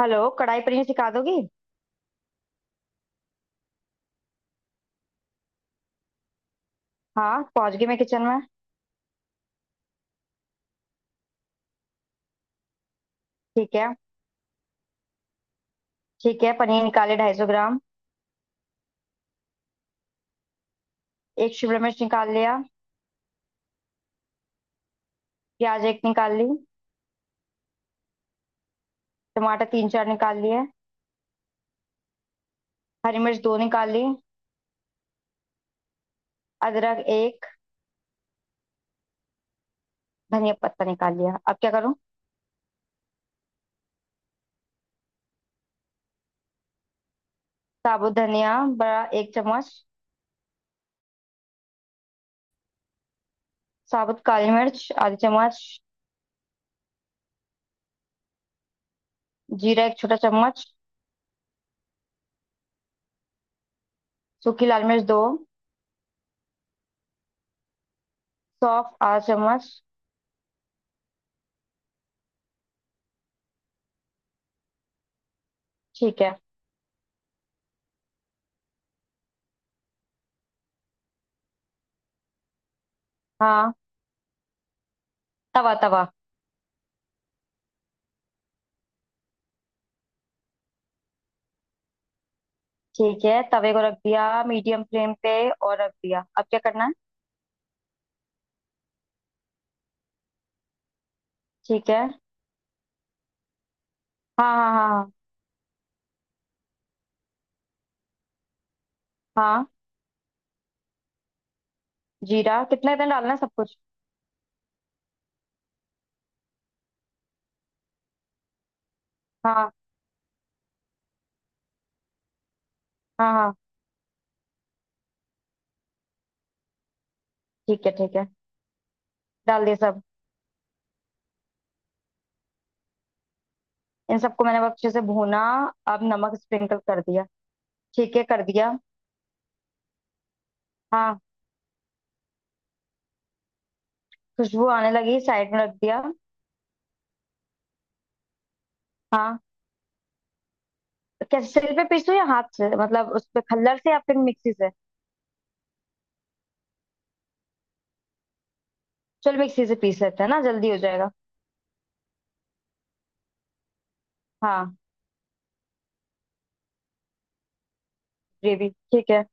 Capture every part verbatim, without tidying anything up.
Hello, kadai paneer सिखा दोगी? हाँ, पहुंच गई मैं किचन में। ठीक है। ठीक है, पनीर निकाले ढाई सौ ग्राम। एक शिमला मिर्च निकाल लिया। प्याज एक निकाल ली। टमाटर तीन चार निकाल लिए। हरी मिर्च दो निकाल ली। अदरक एक। धनिया पत्ता निकाल लिया। अब क्या करूँ? साबुत धनिया, बड़ा एक चम्मच। साबुत काली मिर्च आधी चम्मच। जीरा एक छोटा चम्मच। सूखी लाल मिर्च दो। सौंफ आधा चम्मच। ठीक है। हाँ, तवा तवा। ठीक है, तवे को रख दिया मीडियम फ्लेम पे और रख दिया। अब क्या करना? ठीक है। हाँ, हाँ, हाँ, हाँ, हाँ। जीरा कितना कितना डालना है, सब कुछ? हाँ, हाँ, हाँ। ठीक है, ठीक है। डाल दिया सब। इन सबको मैंने अब अच्छे से भूना। अब नमक स्प्रिंकल कर दिया। ठीक है, कर दिया। हाँ। खुशबू आने लगी, साइड में रख दिया। हाँ। कैसे, सिल पे पीसूं या हाथ से, मतलब उस पे खल्लर से, या फिर मिक्सी से? चल मिक्सी से पीस लेते हैं ना, जल्दी हो जाएगा। हाँ। ग्रेवी, ठीक है।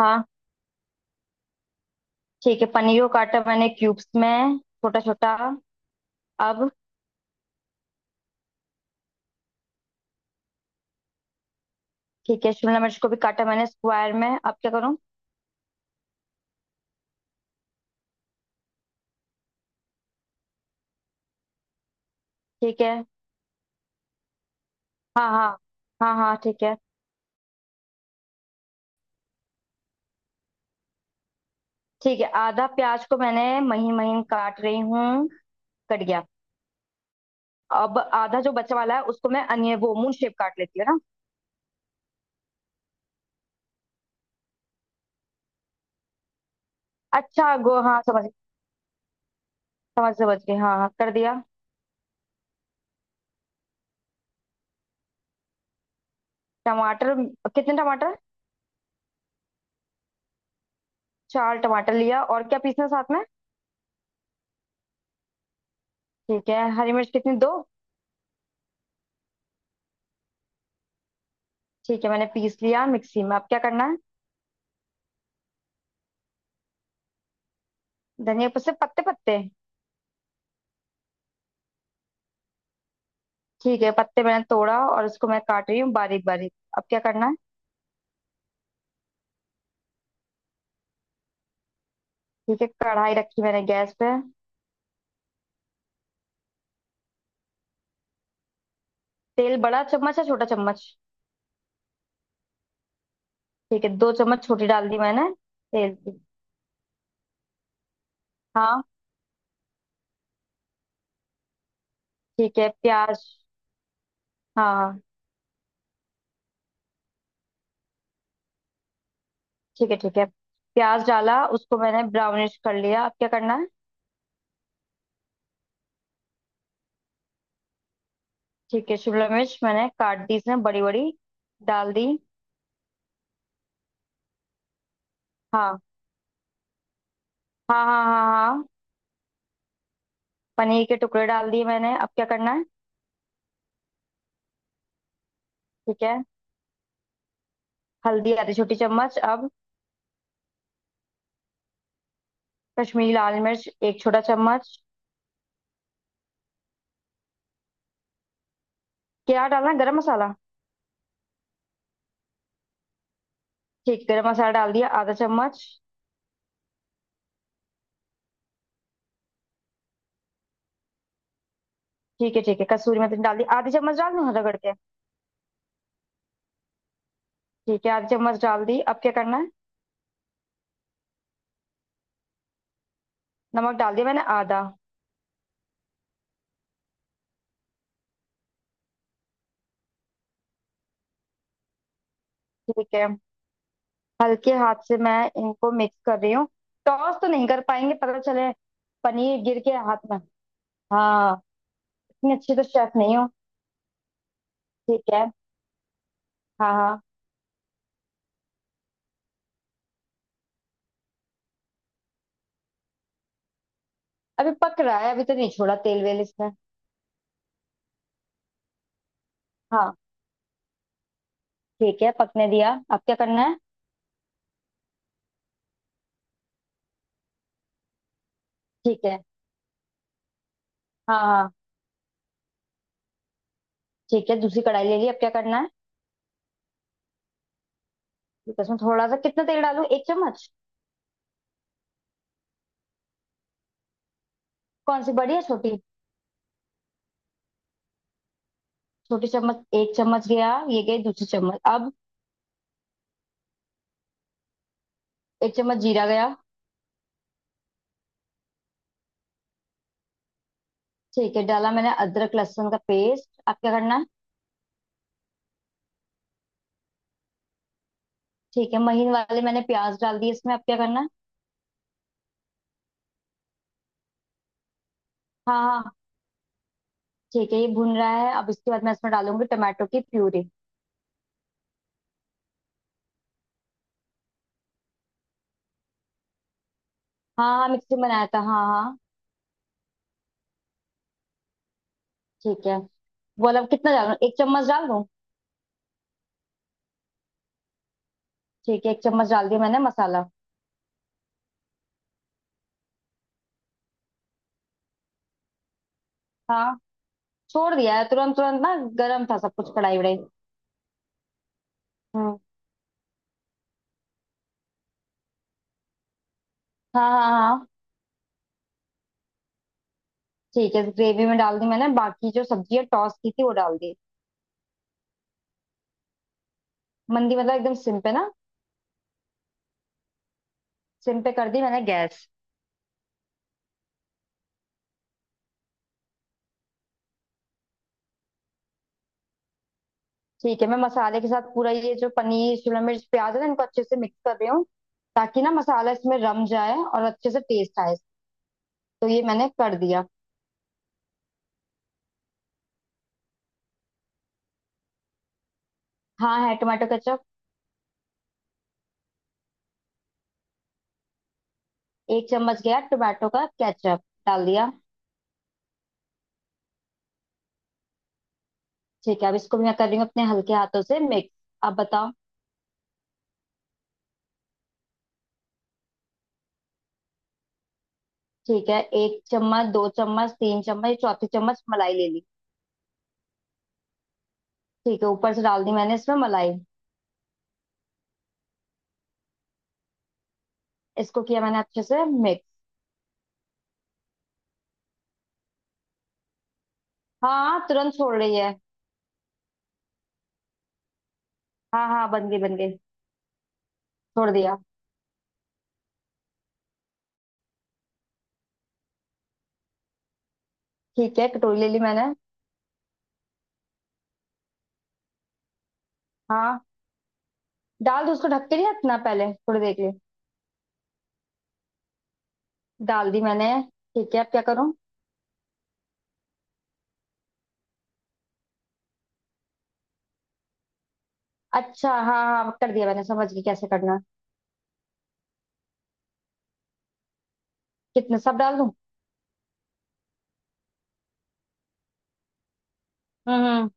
हाँ। ठीक है, पनीर को काटा मैंने क्यूब्स में, छोटा छोटा। अब, ठीक है, शिमला मिर्च को भी काटा मैंने स्क्वायर में। अब क्या करूँ? ठीक है। हाँ, हाँ, हाँ, हाँ, ठीक है। ठीक है, आधा प्याज को मैंने महीन महीन काट रही हूँ। कट गया। अब आधा जो बचा वाला है, उसको मैं अनियन, वो मून शेप काट लेती है ना। अच्छा, गो हाँ समझ, समझ समझ गई, हाँ हाँ कर दिया। टमाटर, कितने टमाटर? चार टमाटर लिया, और क्या पीसना साथ में? ठीक है, हरी मिर्च कितनी, दो? ठीक है, मैंने पीस लिया मिक्सी में। अब क्या करना है? धनिया पत्ते, पत्ते, पत्ते। ठीक है, पत्ते मैंने तोड़ा और इसको मैं काट रही हूँ बारीक बारीक। अब क्या करना है? ठीक है, कढ़ाई रखी मैंने गैस पे। तेल बड़ा चम्मच या छोटा चम्मच? ठीक है, दो चम्मच छोटी डाल दी मैंने। तेल की। हाँ। ठीक है, प्याज। हाँ, हाँ, ठीक है, ठीक है। प्याज डाला, उसको मैंने ब्राउनिश कर लिया। अब क्या करना है? ठीक है, शिमला मिर्च मैंने काट दी इसमें बड़ी बड़ी। डाल दी। हाँ, हाँ, हाँ, हाँ, हाँ। पनीर के टुकड़े डाल दिए मैंने। अब क्या करना है? ठीक है, हल्दी आधी छोटी चम्मच, अब। कश्मीरी लाल मिर्च एक छोटा चम्मच। क्या डालना है, गरम मसाला? ठीक, गरम मसाला डाल दिया आधा चम्मच। ठीक है, ठीक है, कसूरी मेथी डाल दी, आधी चम्मच डाल दूं? हाँ, रगड़ के। ठीक है, आधी चम्मच डाल दी। अब क्या करना है? नमक डाल दिया मैंने आधा। ठीक है, हल्के हाथ से मैं इनको मिक्स कर रही हूँ। टॉस तो नहीं कर पाएंगे, पता चले। पनीर गिर के हाथ में। हाँ। इतनी अच्छी तो शेफ नहीं हो। ठीक है। हाँ, हाँ। अभी पक रहा है, अभी तो नहीं छोड़ा तेल वेल इसमें। हाँ। ठीक है, पकने दिया। अब क्या करना है? ठीक है। हाँ, हाँ। ठीक है, दूसरी कढ़ाई ले ली। अब क्या करना है? ठीक है, उसमें थोड़ा सा, कितना तेल डालूं, एक चम्मच? कौन सी, बड़ी है छोटी? छोटी चम्मच, एक चम्मच गया, ये गई दूसरी चम्मच। अब, एक चम्मच जीरा गया। ठीक है, डाला मैंने अदरक लहसुन का पेस्ट। अब क्या करना है? ठीक है, महीन वाले मैंने प्याज डाल दी इसमें। अब क्या करना है? हाँ, हाँ, ठीक है, ये भुन रहा है। अब इसके बाद मैं इसमें डालूंगी टमाटो की प्यूरी। हाँ, हाँ, मिक्सी में बनाया था, हाँ, हाँ। ठीक है, बोला, अब कितना डालूं, एक चम्मच डाल दूं? ठीक है, एक चम्मच डाल दिया मैंने मसाला। हाँ, छोड़ दिया है तुरंत तुरंत ना। गर्म था सब कुछ, कढ़ाई वढ़ाई। हम्म। हाँ, हाँ, हाँ, ठीक है, ग्रेवी में डाल दी मैंने, बाकी जो सब्जी है टॉस की थी, वो डाल दी। मंदी मतलब एकदम सिम पे ना? सिम पे कर दी मैंने गैस। ठीक है, मैं मसाले के साथ पूरा ये जो पनीर, शिमला मिर्च, प्याज है ना, इनको अच्छे से मिक्स कर रही हूँ। ताकि ना मसाला इसमें रम जाए और अच्छे से टेस्ट आए। तो ये मैंने कर दिया। हाँ, है टोमेटो केचप। एक चम्मच गया टोमेटो का केचप डाल दिया। ठीक है, अब इसको भी मैं कर रही हूँ अपने हल्के हाथों से मिक्स। अब बताओ। ठीक है, एक चम्मच, दो चम्मच, तीन चम्मच, चौथी चम्मच मलाई ले ली। ठीक है, ऊपर से डाल दी मैंने इसमें मलाई। इसको किया मैंने अच्छे से मिक्स। हाँ, हाँ, तुरंत छोड़ रही है। हाँ, हाँ, बन गई, बन गई। छोड़ दिया। ठीक है, कटोरी ले ली मैंने। हाँ। डाल दो उसको, ढक के नहीं रखना पहले थोड़ी देर के लिए? डाल दी मैंने। ठीक है, अब क्या करूं? अच्छा, हाँ हाँ, कर दिया मैंने, समझ गई कैसे करना है। कितने, सब डाल दूं? हम्म, हम्म।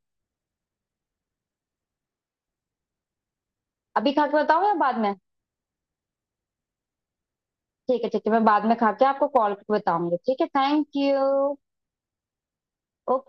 अभी खा के बताऊं या बाद में? ठीक है, ठीक है, मैं बाद में खा के आपको कॉल करके बताऊंगी, ठीक है, थैंक यू।